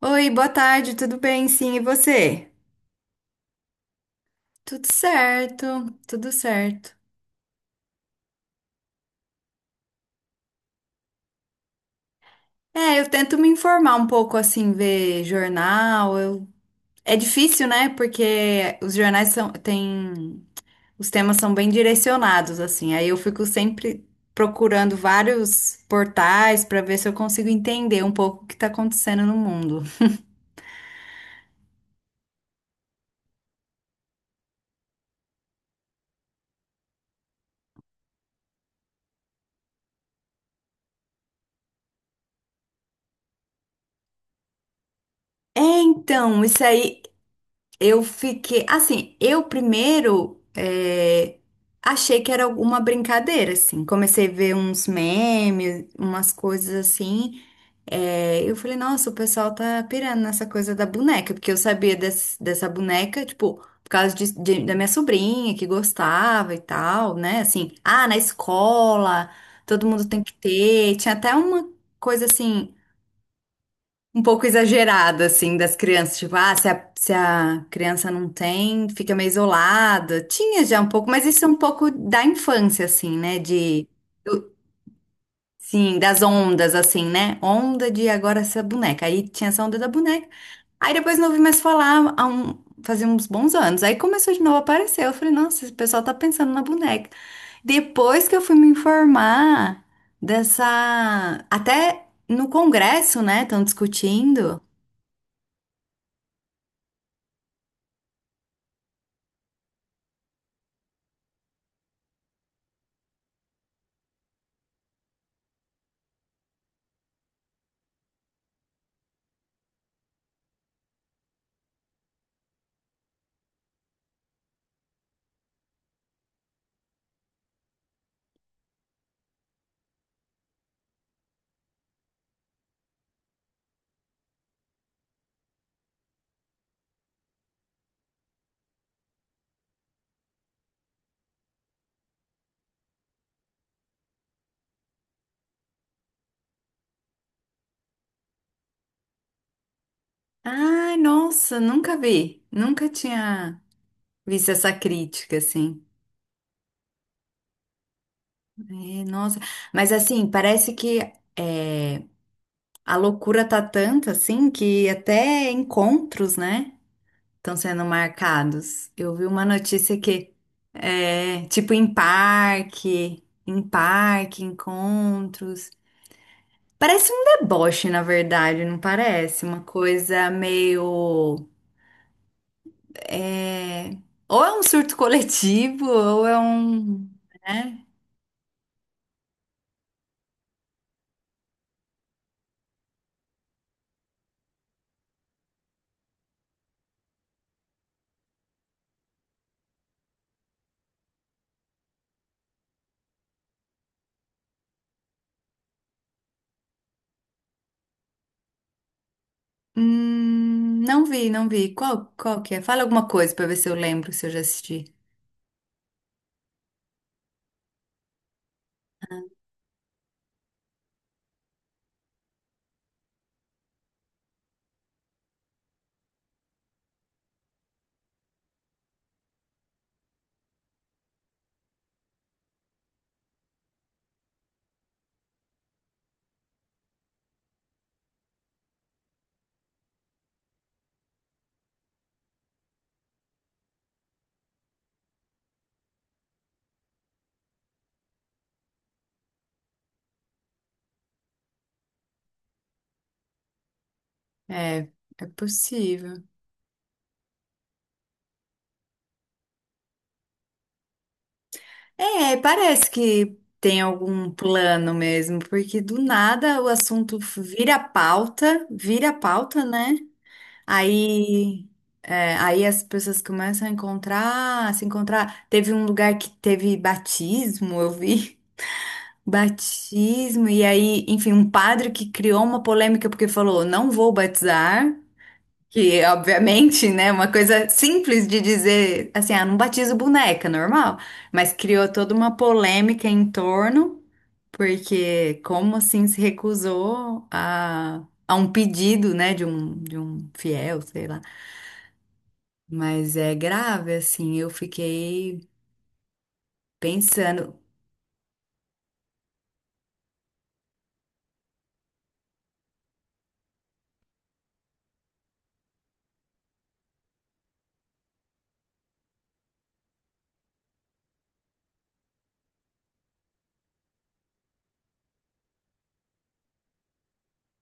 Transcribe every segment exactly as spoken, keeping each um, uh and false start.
Oi, boa tarde, tudo bem? Sim, e você? Tudo certo, tudo certo. É, eu tento me informar um pouco assim, ver jornal. eu- É difícil, né? Porque os jornais são, tem os temas são bem direcionados assim. Aí eu fico sempre procurando vários portais para ver se eu consigo entender um pouco o que está acontecendo no mundo. É, então, isso aí. Eu fiquei, assim, eu primeiro eh, achei que era alguma brincadeira, assim. Comecei a ver uns memes, umas coisas assim. Eh, eu falei, nossa, o pessoal tá pirando nessa coisa da boneca, porque eu sabia des- dessa boneca, tipo, por causa de- de- da minha sobrinha que gostava e tal, né? Assim, ah, na escola, todo mundo tem que ter. Tinha até uma coisa assim um pouco exagerada, assim, das crianças. Tipo, ah, se a, se a criança não tem, fica meio isolada. Tinha já um pouco, mas isso é um pouco da infância, assim, né? De, do- sim, das ondas, assim, né? Onda de agora essa boneca. Aí tinha essa onda da boneca. Aí depois não ouvi mais falar há um, fazia uns bons anos. Aí começou de novo a aparecer. Eu falei, nossa, esse pessoal tá pensando na boneca. Depois que eu fui me informar dessa. Até no Congresso, né? Estão discutindo. Ai, nossa, nunca vi. Nunca tinha visto essa crítica, assim. É, nossa. Mas, assim, parece que é, a loucura tá tanto, assim, que até encontros, né, estão sendo marcados. Eu vi uma notícia que, é, tipo, em parque, em parque, encontros. Parece um deboche, na verdade, não parece? Uma coisa meio. É, ou é um surto coletivo, ou é um, né? Hum, não vi, não vi. Qual, qual que é? Fala alguma coisa pra ver se eu lembro, se eu já assisti. É. É possível. É, parece que tem algum plano mesmo, porque do nada o assunto vira pauta, vira pauta, né? Aí, é, aí as pessoas começam a encontrar, a se encontrar. Teve um lugar que teve batismo, eu vi. Batismo, e aí, enfim, um padre que criou uma polêmica porque falou, não vou batizar, que obviamente, né, uma coisa simples de dizer, assim, ah, não batizo boneca, normal, mas criou toda uma polêmica em torno, porque como assim se recusou a, a um pedido, né, de um, de um fiel, sei lá. Mas é grave, assim, eu fiquei pensando.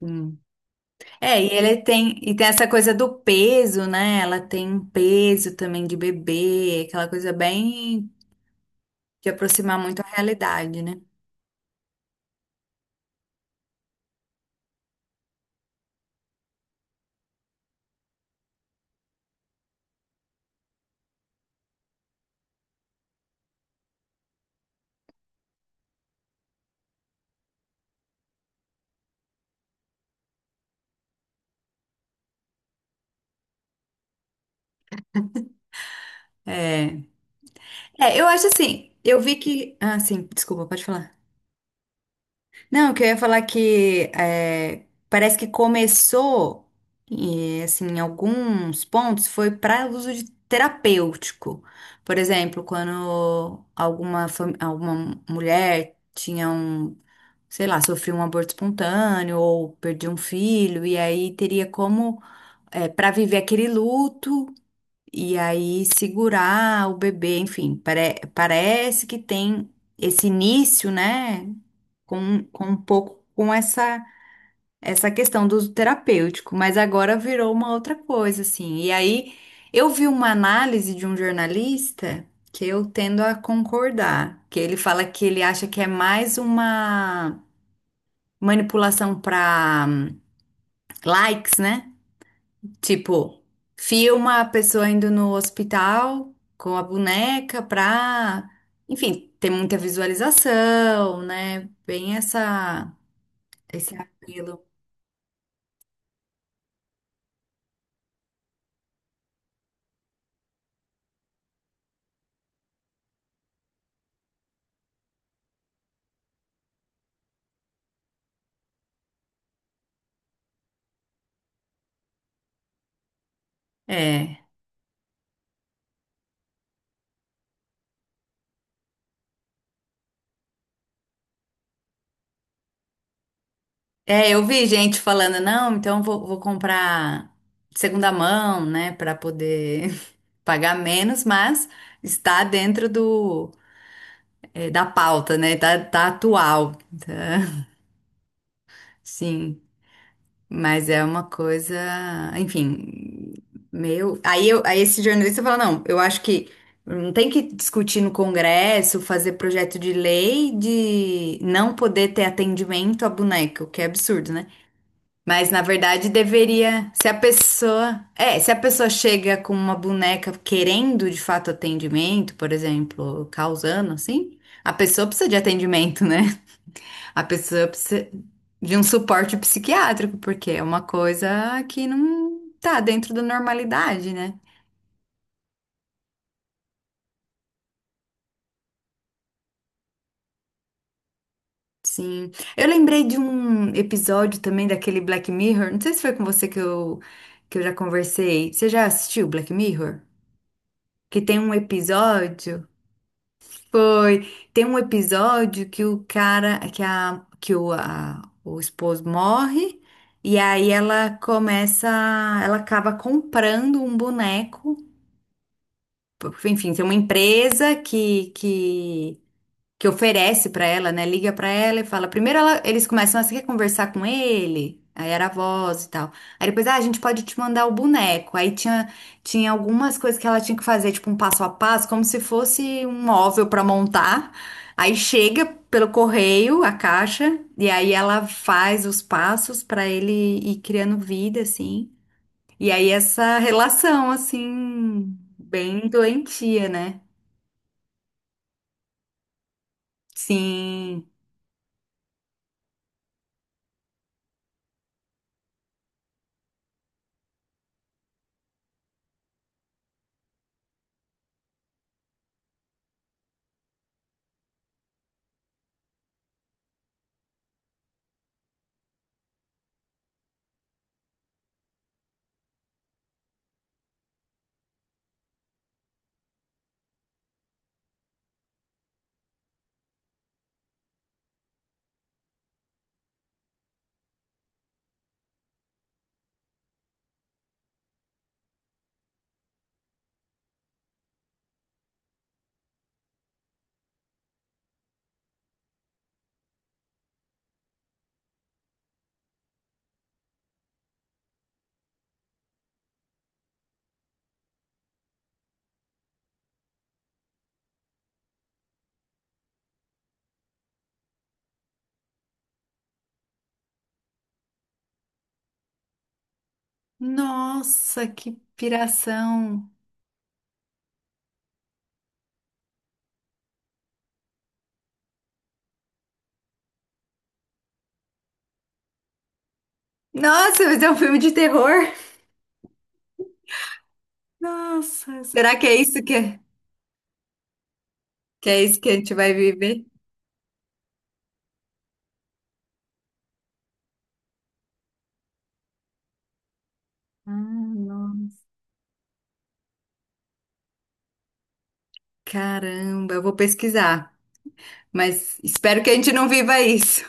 Hum. É, e ele tem, e tem essa coisa do peso, né? Ela tem um peso também de bebê, aquela coisa bem de aproximar muito a realidade, né? É. É, eu acho assim, eu vi que. Ah, sim, desculpa, pode falar. Não, que eu ia falar que é, parece que começou, e, assim, em alguns pontos, foi para uso de terapêutico. Por exemplo, quando alguma, fam- alguma mulher tinha um, sei lá, sofreu um aborto espontâneo ou perdeu um filho, e aí teria como, para viver aquele luto. E aí segurar o bebê, enfim, pare- parece que tem esse início, né, com, com um pouco com essa essa questão do uso terapêutico, mas agora virou uma outra coisa, assim. E aí eu vi uma análise de um jornalista que eu tendo a concordar, que ele fala que ele acha que é mais uma manipulação para likes, né? Tipo, filma a pessoa indo no hospital com a boneca pra, enfim, ter muita visualização, né? Bem essa, esse apelo. É. É, eu vi gente falando, não, então vou, vou, comprar de segunda mão, né, pra poder pagar menos, mas está dentro do, é, da pauta, né? Tá, tá atual. Tá, sim. Mas é uma coisa, enfim, meio. Aí, eu, aí esse jornalista fala: não, eu acho que não tem que discutir no Congresso, fazer projeto de lei de não poder ter atendimento a boneca, o que é absurdo, né? Mas na verdade deveria, se a pessoa, é, se a pessoa chega com uma boneca querendo de fato atendimento, por exemplo, causando assim, a pessoa precisa de atendimento, né? A pessoa precisa de um suporte psiquiátrico, porque é uma coisa que não tá dentro da normalidade, né? Sim. Eu lembrei de um episódio também daquele Black Mirror. Não sei se foi com você que eu, que eu, já conversei. Você já assistiu Black Mirror? Que tem um episódio. Foi. Tem um episódio que o cara. Que, a, que o, a- O esposo morre. E aí ela começa. Ela acaba comprando um boneco. Enfim, tem uma empresa que, que, que oferece para ela, né? Liga para ela e fala. Primeiro ela- eles começam a se conversar com ele, aí era a voz e tal. Aí depois, ah, a gente pode te mandar o boneco. Aí tinha, tinha algumas coisas que ela tinha que fazer, tipo um passo a passo, como se fosse um móvel para montar. Aí chega pelo correio a caixa, e aí ela faz os passos para ele ir criando vida, assim. E aí essa relação, assim, bem doentia, né? Sim. Nossa, que piração. Nossa, mas é um filme de terror. Nossa, será que é isso que é, que é isso que a gente vai viver? Ah, nossa. Caramba, eu vou pesquisar. Mas espero que a gente não viva isso.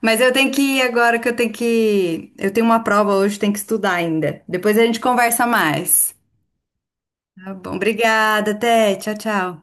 Mas eu tenho que ir agora, que eu tenho que. Eu tenho uma prova hoje, tenho que estudar ainda. Depois a gente conversa mais. Tá bom, obrigada, até. Tchau, tchau.